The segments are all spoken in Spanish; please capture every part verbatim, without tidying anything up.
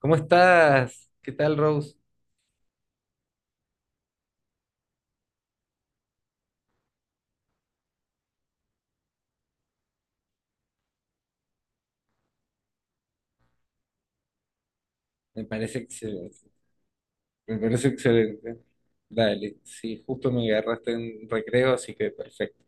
¿Cómo estás? ¿Qué tal, Rose? Me parece excelente. Me parece excelente. Dale, sí, justo me agarraste en recreo, así que perfecto.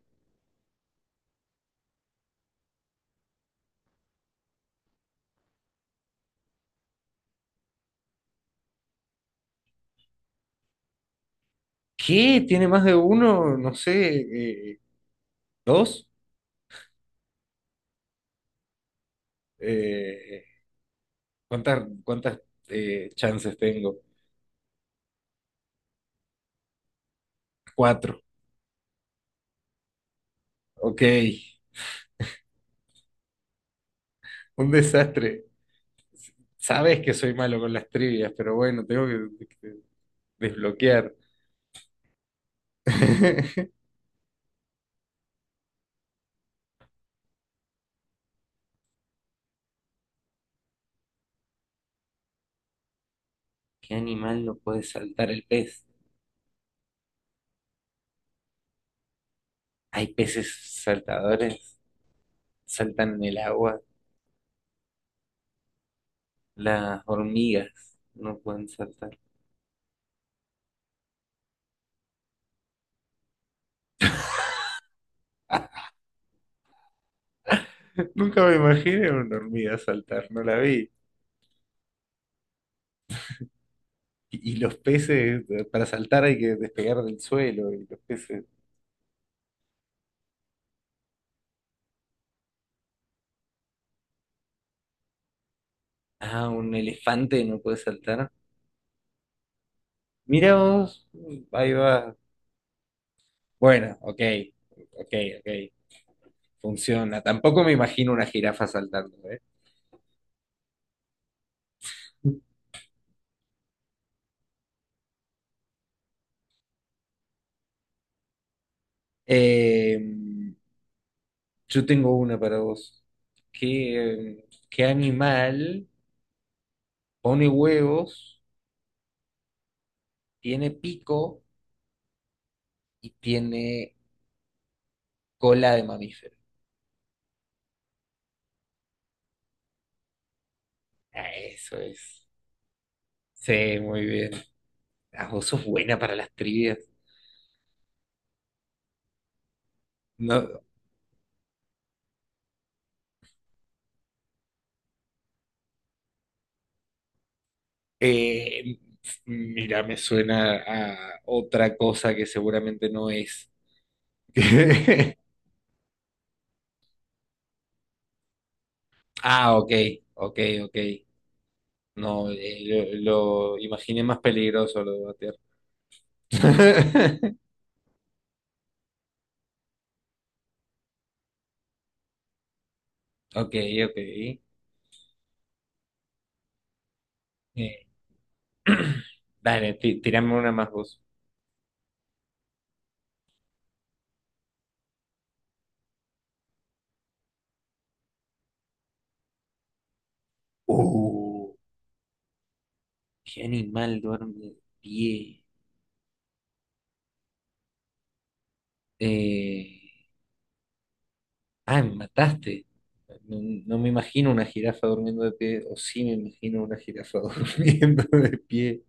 ¿Qué? ¿Tiene más de uno? No sé, eh, ¿dos? Eh, ¿cuántas, cuántas eh, chances tengo? Cuatro. Ok, un desastre. Sabes que soy malo con las trivias, pero bueno, tengo que que desbloquear. ¿Qué animal no puede saltar? ¿El pez? ¿Hay peces saltadores? Saltan en el agua. Las hormigas no pueden saltar. Nunca me imaginé una hormiga saltar, no la vi. Y, y los peces, eh, para saltar hay que despegar del suelo, y los peces. Ah, un elefante no puede saltar. Mira vos, ahí va. Bueno, ok, ok, ok. Funciona. Tampoco me imagino una jirafa saltando, ¿eh? Eh, yo tengo una para vos. ¿Qué, qué animal pone huevos? Tiene pico y tiene cola de mamífero. Ah, eso es. Sí, muy bien. Ah, vos sos buena para las trivias. No, eh, mira, me suena a otra cosa que seguramente no es. Ah, ok, ok, ok. No, eh, lo, lo imaginé más peligroso lo de batear. Ok, ok. Eh, Dale, ti- tirame una más vos. Uh, ¿qué animal duerme de pie? Eh, ah, me mataste. No, no me imagino una jirafa durmiendo de pie, o sí me imagino una jirafa durmiendo de pie.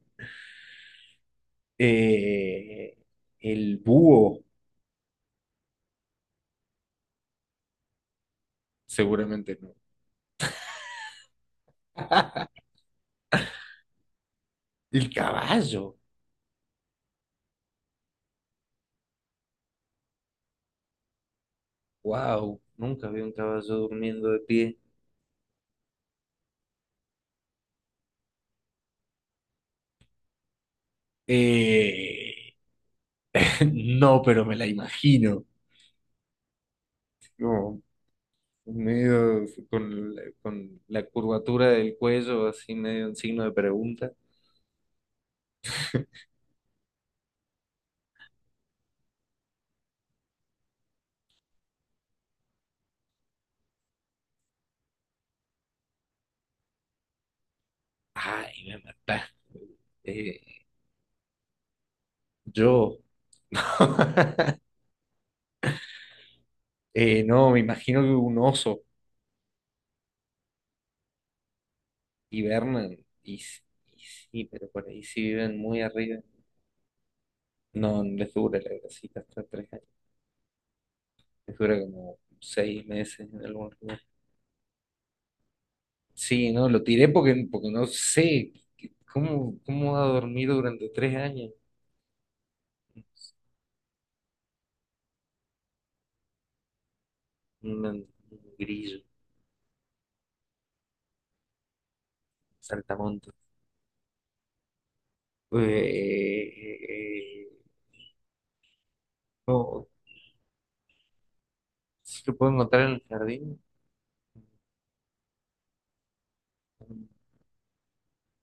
Eh, el búho, seguramente no. El caballo, wow, nunca vi un caballo durmiendo de pie. Eh, no, pero me la imagino. Como medio con, la- con la curvatura del cuello, así medio en signo de pregunta. Ay, me mataste. Eh, yo, eh, no, me imagino que un oso hibernan y, s- y sí, pero por ahí si viven muy arriba, no no les dura la grasita hasta tres años, les dura como seis meses en algún lugar. Sí, no, lo tiré porque, porque no sé qué- cómo, cómo va a dormir durante tres años un, un grillo, saltamontes. Eh, eh, eh, eh, no, ¿sí lo puedo encontrar en el jardín?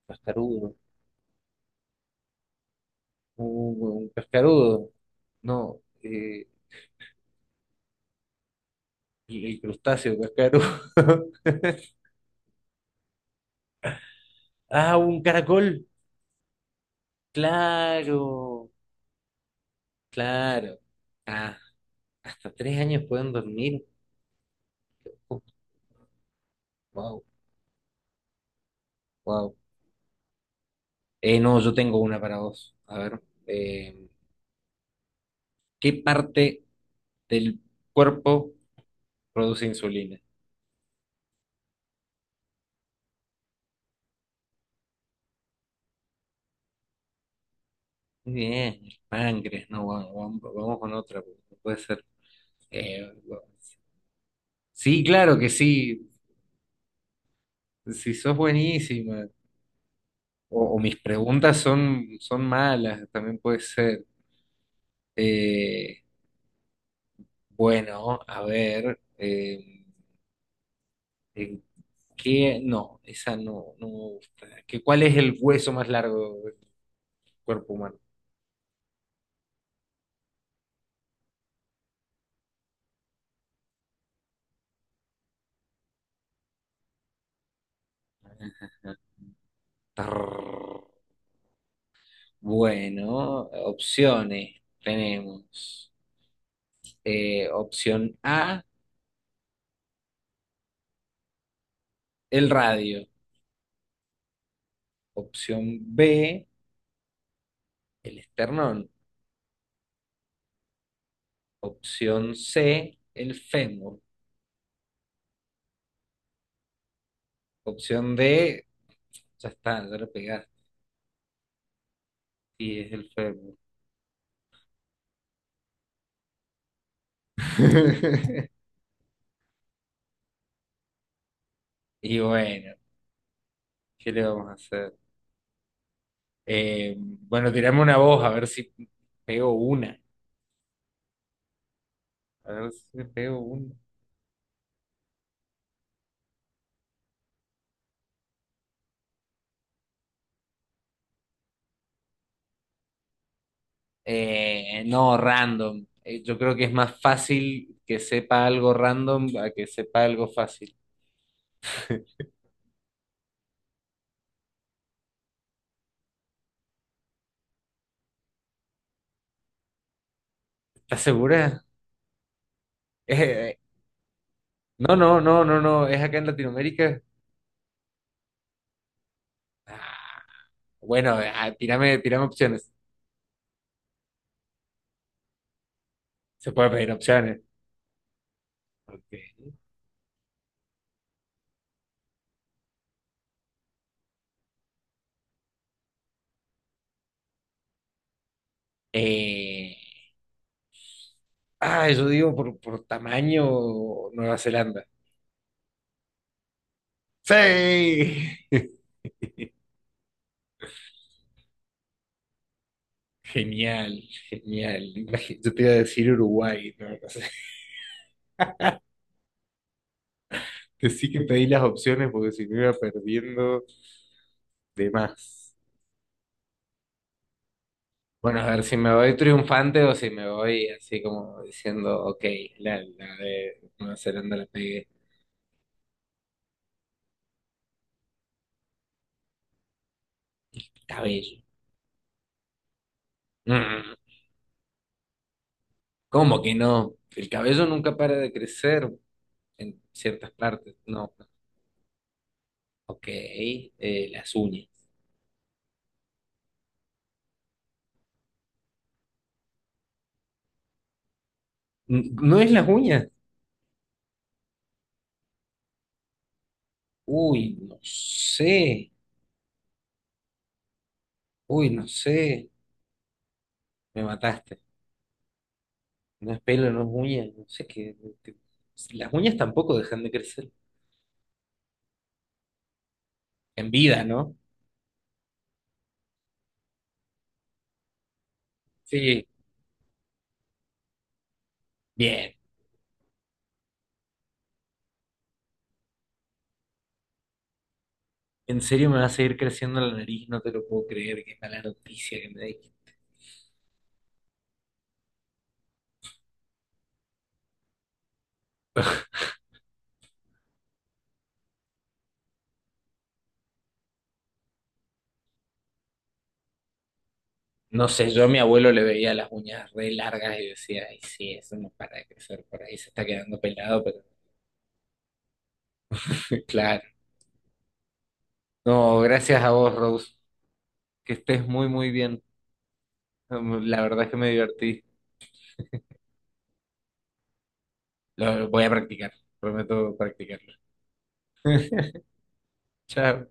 Cascarudo. Un, un cascarudo. No. eh, el, el crustáceo cascarudo. Ah, un caracol. Claro. Claro. Ah, hasta tres años pueden dormir. Wow, wow. eh no, yo tengo una para vos. A ver. eh, ¿qué parte del cuerpo produce insulina? Muy bien, el páncreas. No, vamos, vamos- vamos con otra. Porque no puede ser. Eh, bueno, sí, claro que sí. Si sos buenísima, o, o mis preguntas son, son malas, también puede ser. Eh, bueno, a ver, eh, eh, ¿qué? No, esa no, no me gusta. ¿Qué- ¿cuál es el hueso más largo del cuerpo humano? Tarrr. Bueno, opciones tenemos. Eh, opción A, el radio. Opción B, el esternón. Opción C, el fémur. Opción D, ya está, ya le pegaste. Y es el fémur. Y bueno, ¿qué le vamos a hacer? Eh, bueno, tirame una voz, a ver si pego una. A ver si pego una. Eh, no, random. Eh, yo creo que es más fácil que sepa algo random a que sepa algo fácil. ¿Estás segura? Eh, no, no, no, no, no. ¿Es acá en Latinoamérica? Ah, bueno, ah, tírame, tírame opciones. Se puede pedir opciones. Ok. Eh, ah, yo digo por, por tamaño Nueva Zelanda. Sí. Genial, genial. Imagi- Yo te iba a decir Uruguay, no, no sé. Sí que pedí las opciones porque si me iba perdiendo de más. Bueno, a ver si me voy triunfante o si me voy así como diciendo, ok, la, la de Nueva Zelanda la pegué. Cabello. Mm, ¿cómo que no? El cabello nunca para de crecer en ciertas partes. No. Ok, eh, las uñas. N- ¿No es las uñas? Uy, no sé. Uy, no sé. Me mataste. No es pelo, no es uña. No sé qué. qué- Las uñas tampoco dejan de crecer. En vida, ¿no? Sí. Bien. ¿En serio me va a seguir creciendo la nariz? No te lo puedo creer. Qué mala noticia que me diste. No sé, yo a mi abuelo le veía las uñas re largas y decía, ay, sí, eso no para de crecer por ahí. Se está quedando pelado, pero claro. No, gracias a vos, Rose. Que estés muy, muy bien. La verdad es que me divertí. Lo voy a practicar, prometo practicarlo. Chao.